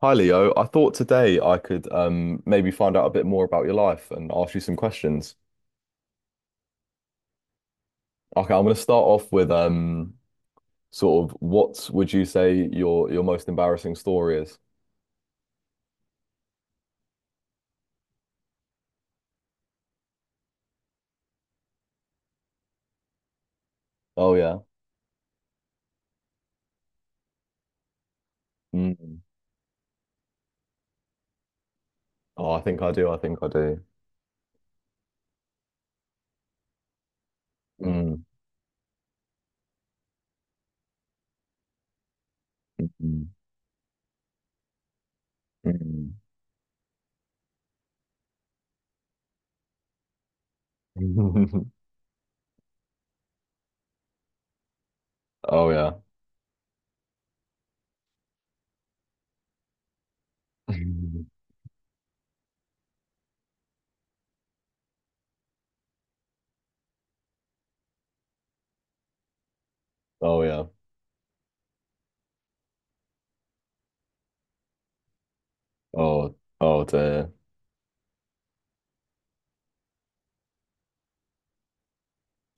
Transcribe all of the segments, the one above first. Hi Leo, I thought today I could maybe find out a bit more about your life and ask you some questions. Okay, I'm going to start off with sort of what would you say your most embarrassing story is? Oh yeah. Mm. Oh, I think I do. I think I do. Mm. Mm. Mm. Mm. Oh yeah. Mm. Oh yeah. Oh oh dear.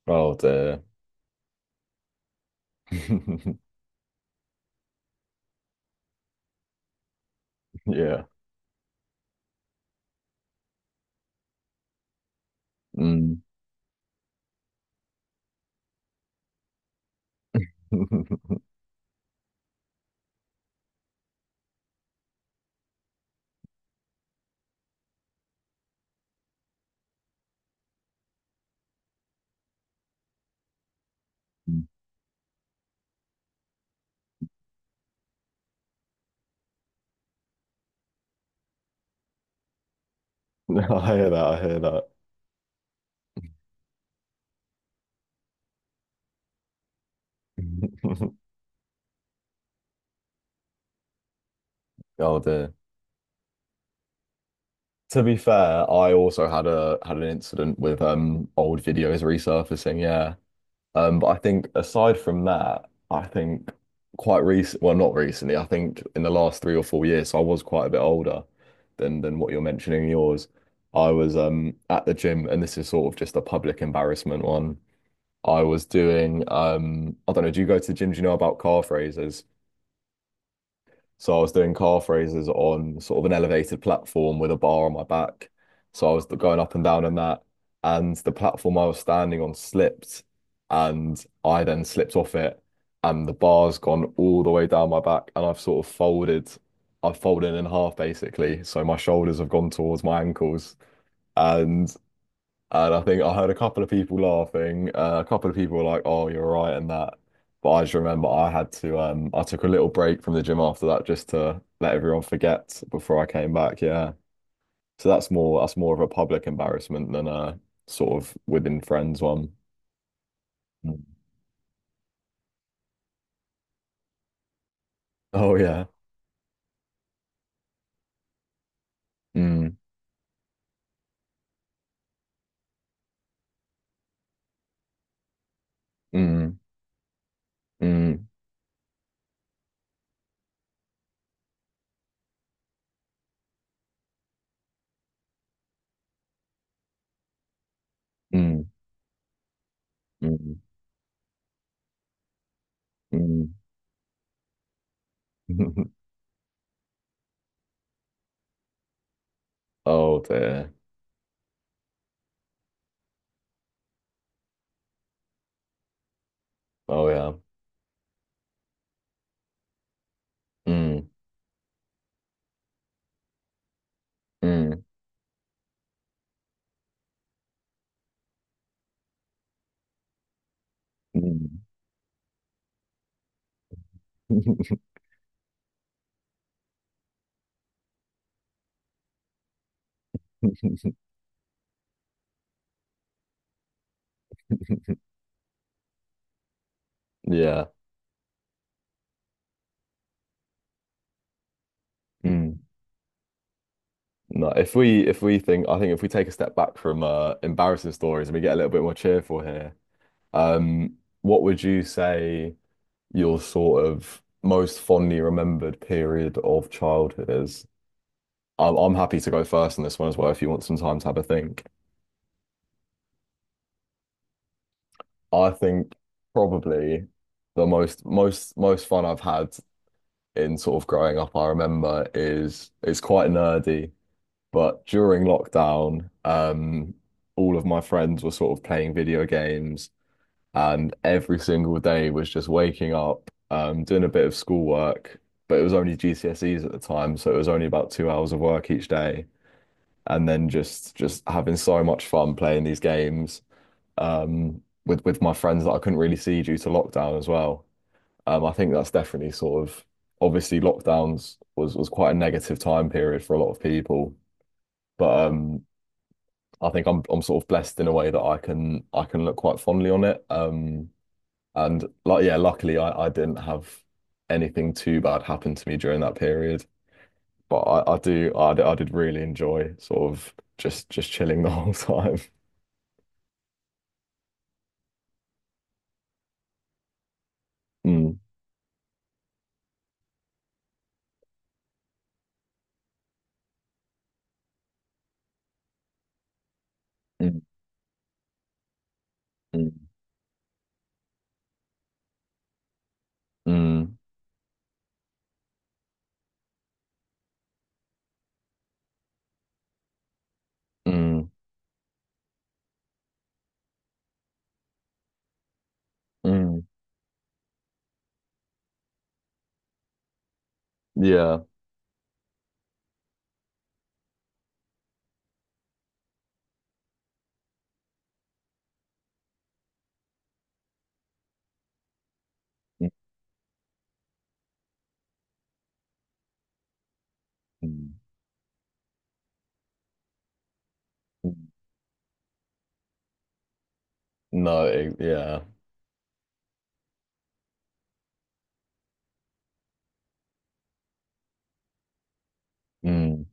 Oh dear. Yeah. Mm. I hear that. I hear that. Oh dear. To be fair, I also had a had an incident with old videos resurfacing, yeah. But I think aside from that, I think not recently, I think in the last 3 or 4 years, so I was quite a bit older than what you're mentioning in yours. I was at the gym, and this is sort of just a public embarrassment one. I was doing I don't know, do you go to the gym? Do you know about calf raises? So I was doing calf raises on sort of an elevated platform with a bar on my back. So I was going up and down on that. And the platform I was standing on slipped. And I then slipped off it. And the bar's gone all the way down my back. And I've sort of I've folded in half basically. So my shoulders have gone towards my ankles. And and I think I heard a couple of people laughing. A couple of people were like, "Oh, you're right," and that. But I just remember I had to. I took a little break from the gym after that just to let everyone forget before I came back. Yeah. So that's more of a public embarrassment than a sort of within friends one. Mm. Oh yeah. Mm, mm, mm, mm, mm, mm. Oh dear. Oh yeah. Mm, mm, mm. Yeah. Mm. No, if we think I think if we take a step back from embarrassing stories and we get a little bit more cheerful here, what would you say your sort of most fondly remembered period of childhood is? I'm happy to go first on this one as well if you want some time to have a think. I think probably the most fun I've had in sort of growing up, I remember is it's quite nerdy. But during lockdown, all of my friends were sort of playing video games, and every single day was just waking up, doing a bit of schoolwork. But it was only GCSEs at the time, so it was only about 2 hours of work each day, and then just having so much fun playing these games, with my friends that I couldn't really see due to lockdown as well. I think that's definitely obviously lockdowns was quite a negative time period for a lot of people. But I think I'm sort of blessed in a way that I can look quite fondly on it. And like yeah, luckily I didn't have anything too bad happen to me during that period. But I do I, d- I did really enjoy sort of just chilling the whole time. Mm, mm, mm, mm, mm, mm. Yeah. Mm, mm, mm. No, it, yeah. Mm,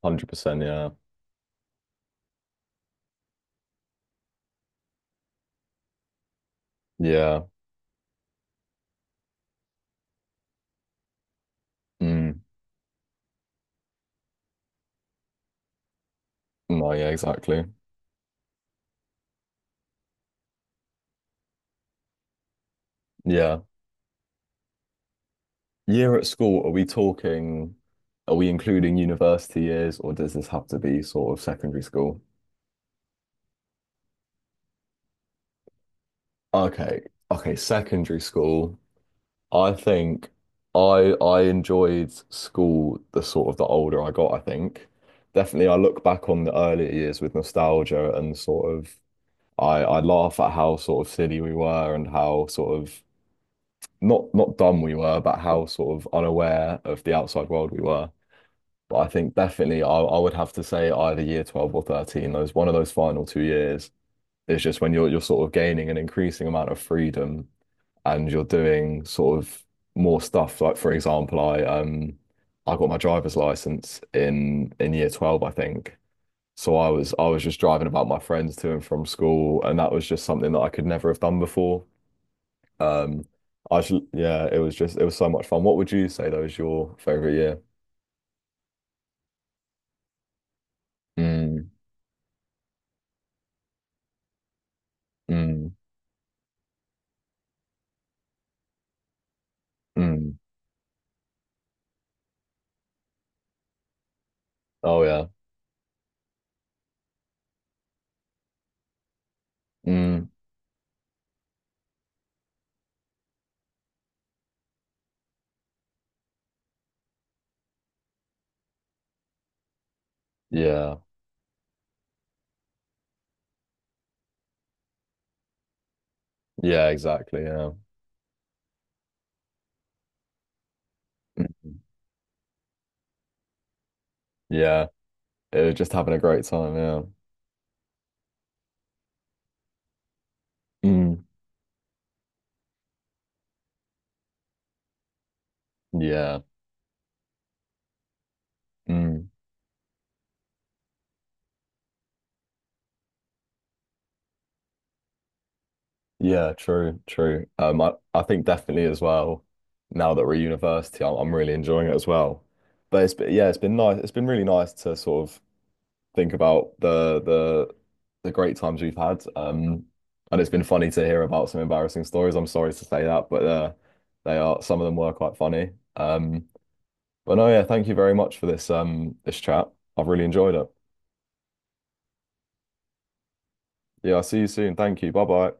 100%, yeah. Yeah. Mm. No, yeah, exactly. Yeah. Year at school, are we talking, are we including university years or does this have to be sort of secondary school? Okay. Okay, secondary school. I think I enjoyed school the sort of the older I got, I think. Definitely I look back on the earlier years with nostalgia and sort of I laugh at how sort of silly we were and how sort of not dumb we were, but how sort of unaware of the outside world we were. But I think definitely I would have to say either year 12 or 13, those one of those final 2 years is just when you're sort of gaining an increasing amount of freedom and you're doing sort of more stuff. Like for example, I got my driver's license in year 12, I think. So I was just driving about my friends to and from school, and that was just something that I could never have done before. Um I should, yeah, it was just it was so much fun. What would you say though is your favorite year? Mm, mm, mm. Oh yeah. Mm, yeah. Yeah, exactly. Yeah. Mhm. Yeah. It was just having a great time. Yeah. Mm, yeah. Mm, yeah. True. True. I think definitely as well, now that we're at university, I'm really enjoying it as well. But it's been, yeah, it's been nice. It's been really nice to sort of think about the great times we've had. And it's been funny to hear about some embarrassing stories. I'm sorry to say that, but they are, some of them were quite funny. But no, yeah, thank you very much for this this chat. I've really enjoyed it. Yeah, I'll see you soon. Thank you. Bye bye.